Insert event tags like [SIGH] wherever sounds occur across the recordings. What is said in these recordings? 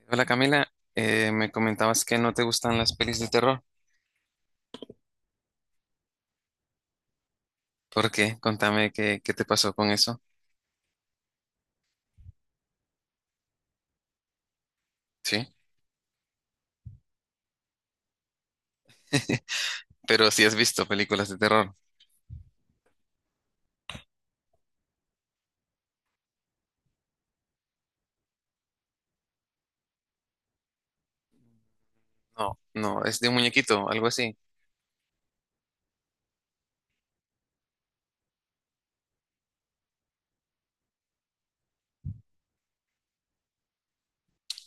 Hola Camila, me comentabas que no te gustan las pelis de terror. ¿Por qué? Contame qué te pasó con eso. Sí, [LAUGHS] pero si has visto películas de terror. No, no, es de un muñequito, algo así.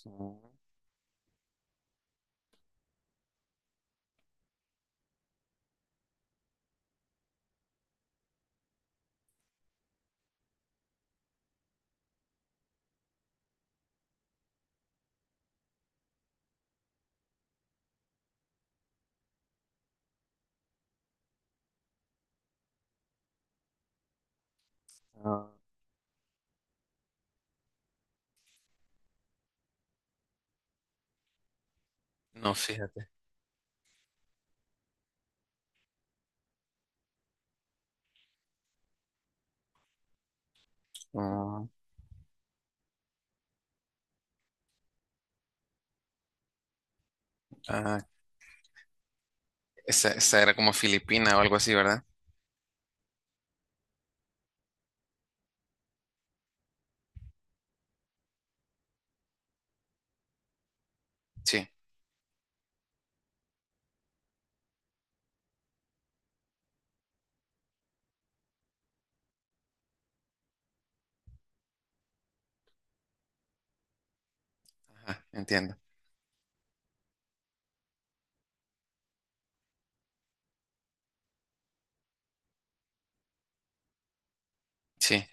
Mm. No, no, fíjate. Mm, ah, esa era como filipina o algo así, ¿verdad? Sí, ajá, entiendo. Sí.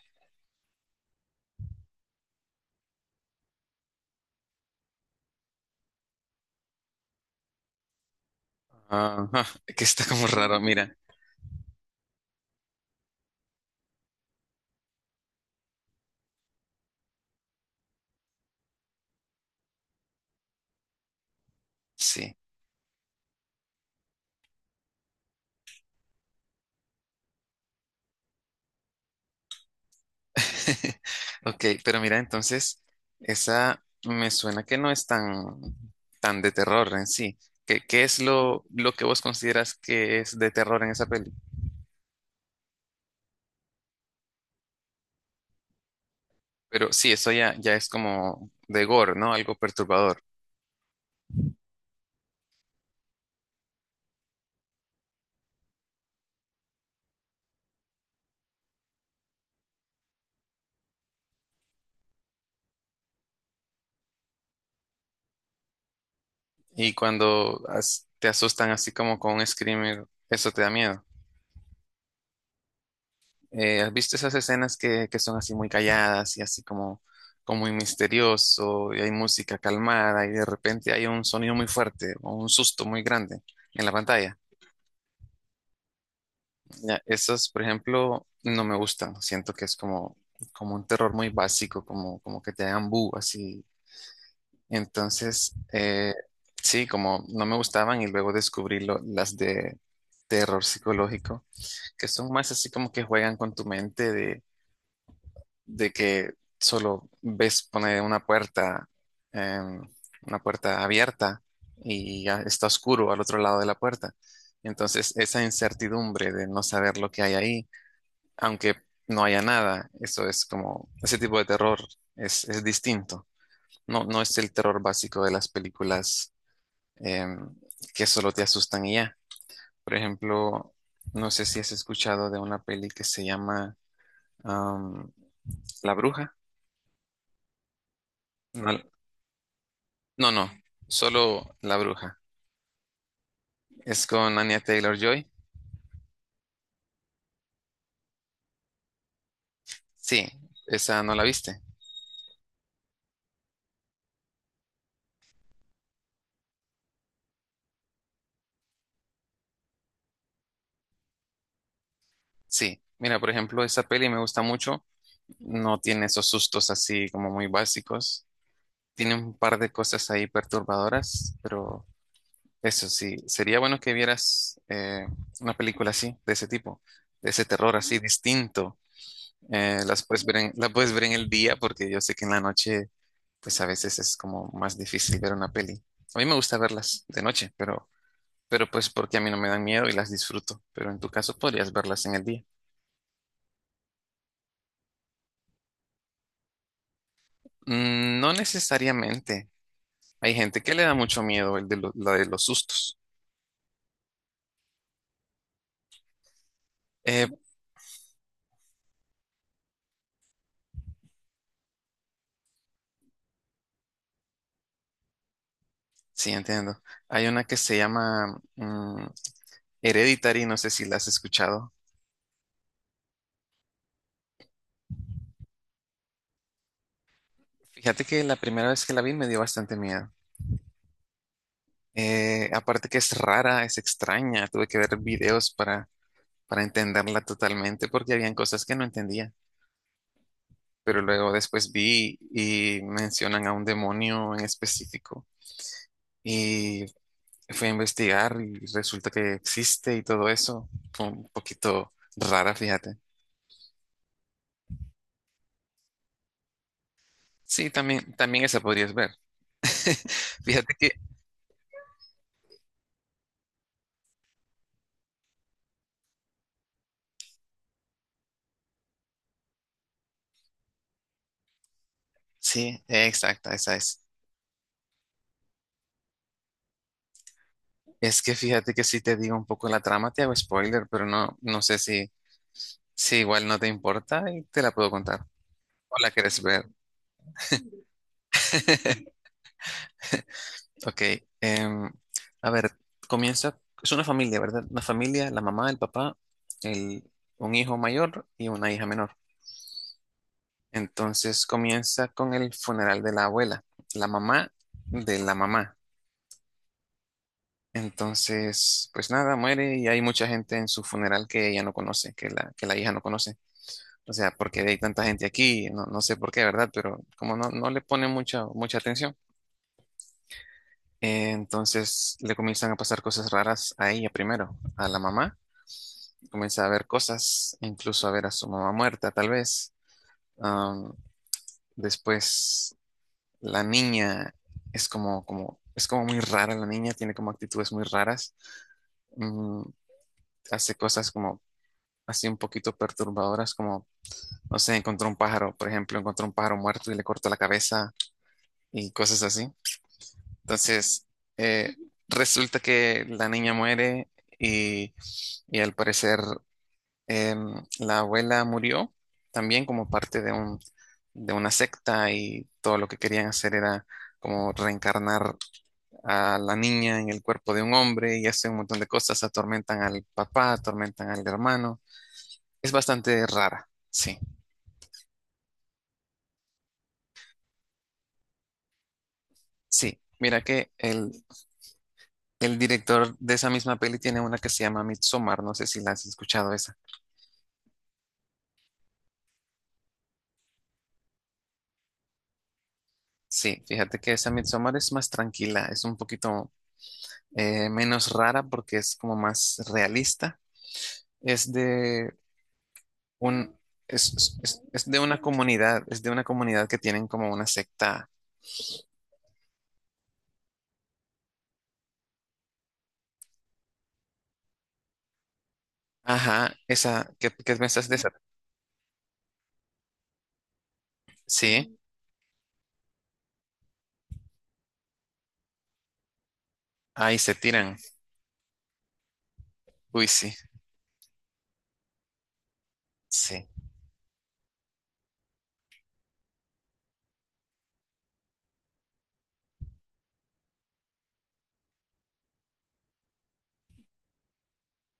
Ajá, [LAUGHS] que está como raro, mira. Sí. [LAUGHS] Ok, pero mira, entonces, esa me suena que no es tan de terror en sí. ¿ qué es lo que vos consideras que es de terror en esa peli? Pero sí, eso ya, ya es como de gore, ¿no? Algo perturbador. Y cuando te asustan así como con un screamer, eso te da miedo. ¿Has visto esas escenas que son así muy calladas y así como, como muy misterioso y hay música calmada y de repente hay un sonido muy fuerte o un susto muy grande en la pantalla? Ya, esos, por ejemplo, no me gustan. Siento que es como, como un terror muy básico, como, como que te hagan bu así. Entonces, sí, como no me gustaban y luego descubrí las de terror psicológico, que son más así como que juegan con tu mente de que solo ves poner eh, una puerta abierta y ya está oscuro al otro lado de la puerta. Entonces, esa incertidumbre de no saber lo que hay ahí, aunque no haya nada, eso es como, ese tipo de terror es distinto. No, no es el terror básico de las películas eh, que solo te asustan y ya. Por ejemplo, no sé si has escuchado de una peli que se llama um, La Bruja. No. No, no, solo La Bruja. Es con Anya Taylor-Joy. Sí, esa no la viste. Sí, mira, por ejemplo, esa peli me gusta mucho. No tiene esos sustos así como muy básicos. Tiene un par de cosas ahí perturbadoras, pero eso sí, sería bueno que vieras una película así, de ese tipo, de ese terror así distinto. Las puedes ver la puedes ver en el día porque yo sé que en la noche, pues a veces es como más difícil ver una peli. A mí me gusta verlas de noche, pero pues porque a mí no me dan miedo y las disfruto, pero en tu caso podrías verlas en el día. Mm. No necesariamente. Hay gente que le da mucho miedo el de la de los sustos. Eh, sí, entiendo. Hay una que se llama mm, Hereditary, no sé si la has escuchado. Fíjate que la primera vez que la vi me dio bastante miedo. Aparte que es rara, es extraña, tuve que ver videos para entenderla totalmente porque habían cosas que no entendía. Pero luego después vi y mencionan a un demonio en específico. Y fui a investigar y resulta que existe y todo eso. Fue un poquito rara, fíjate. Sí, también, también esa podrías ver. [LAUGHS] Fíjate que, sí, exacta, esa es. Es que fíjate que si te digo un poco la trama, te hago spoiler, pero no, no sé si igual no te importa y te la puedo contar. ¿O la quieres ver? [LAUGHS] Ok, em, a ver, comienza, es una familia, ¿verdad? Una familia, la mamá, el papá, el, un hijo mayor y una hija menor. Entonces comienza con el funeral de la abuela, la mamá de la mamá. Entonces, pues nada, muere y hay mucha gente en su funeral que ella no conoce, que que la hija no conoce. O sea, porque hay tanta gente aquí, no, no sé por qué, ¿verdad? Pero como no, no le ponen mucha, mucha atención, entonces le comienzan a pasar cosas raras a ella primero, a la mamá. Comienza a ver cosas, incluso a ver a su mamá muerta, tal vez. Am, después la niña es como, como, es como muy rara la niña, tiene como actitudes muy raras. Mm, hace cosas como así un poquito perturbadoras, como, no sé, encontró un pájaro, por ejemplo, encontró un pájaro muerto y le cortó la cabeza y cosas así. Entonces, eh, resulta que la niña muere y, y al parecer em, la abuela murió también como parte de de una secta y todo lo que querían hacer era como reencarnar a la niña en el cuerpo de un hombre y hacen un montón de cosas, atormentan al papá, atormentan al hermano. Es bastante rara, sí, sí. Mira que el director de esa misma peli tiene una que se llama Midsommar, no sé si la has escuchado esa. Sí, fíjate que esa Midsommar es más tranquila, es un poquito menos rara porque es como más realista. Es de un, es de una comunidad, es de una comunidad que tienen como una secta. Ajá, esa, ¿ qué pensaste de esa? Sí, ahí se tiran. Uy, sí, sí,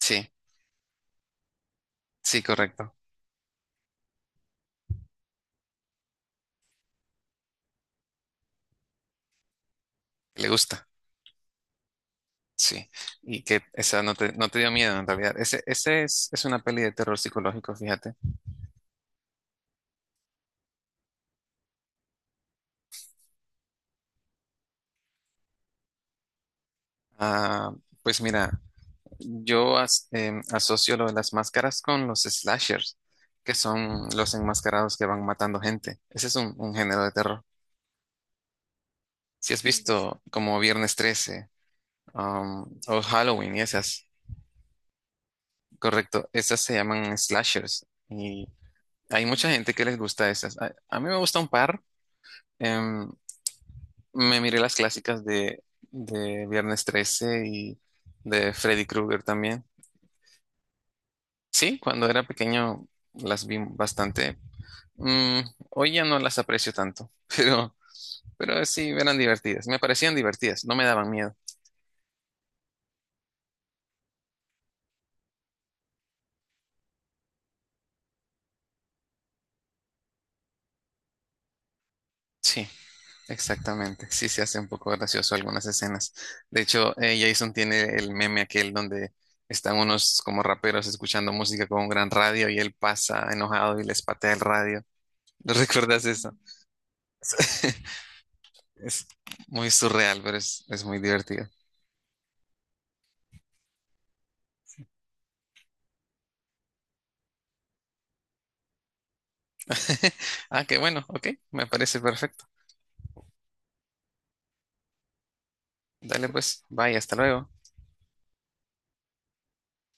sí, sí, correcto. Le gusta, sí. Y que esa no no te dio miedo en realidad. Ese es una peli de terror psicológico, fíjate. Ah, pues mira, yo asocio lo de las máscaras con los slashers, que son los enmascarados que van matando gente. Ese es un género de terror. Si has visto como Viernes 13, um, o Halloween y esas, correcto, esas se llaman slashers. Hay mucha gente que les gusta esas. A mí me gusta un par. Em, me miré las clásicas de Viernes 13 y de Freddy Krueger también. Sí, cuando era pequeño las vi bastante. Mm, hoy ya no las aprecio tanto, [LAUGHS] pero, pero sí eran divertidas. Me parecían divertidas, no me daban miedo. Sí. Exactamente, sí se hace un poco gracioso algunas escenas. De hecho, Jason tiene el meme aquel donde están unos como raperos escuchando música con un gran radio y él pasa enojado y les patea el radio. ¿No recuerdas eso? [LAUGHS] Es muy surreal, pero es muy divertido. [LAUGHS] Ah, qué bueno, ok, me parece perfecto. Dale pues, bye, hasta luego.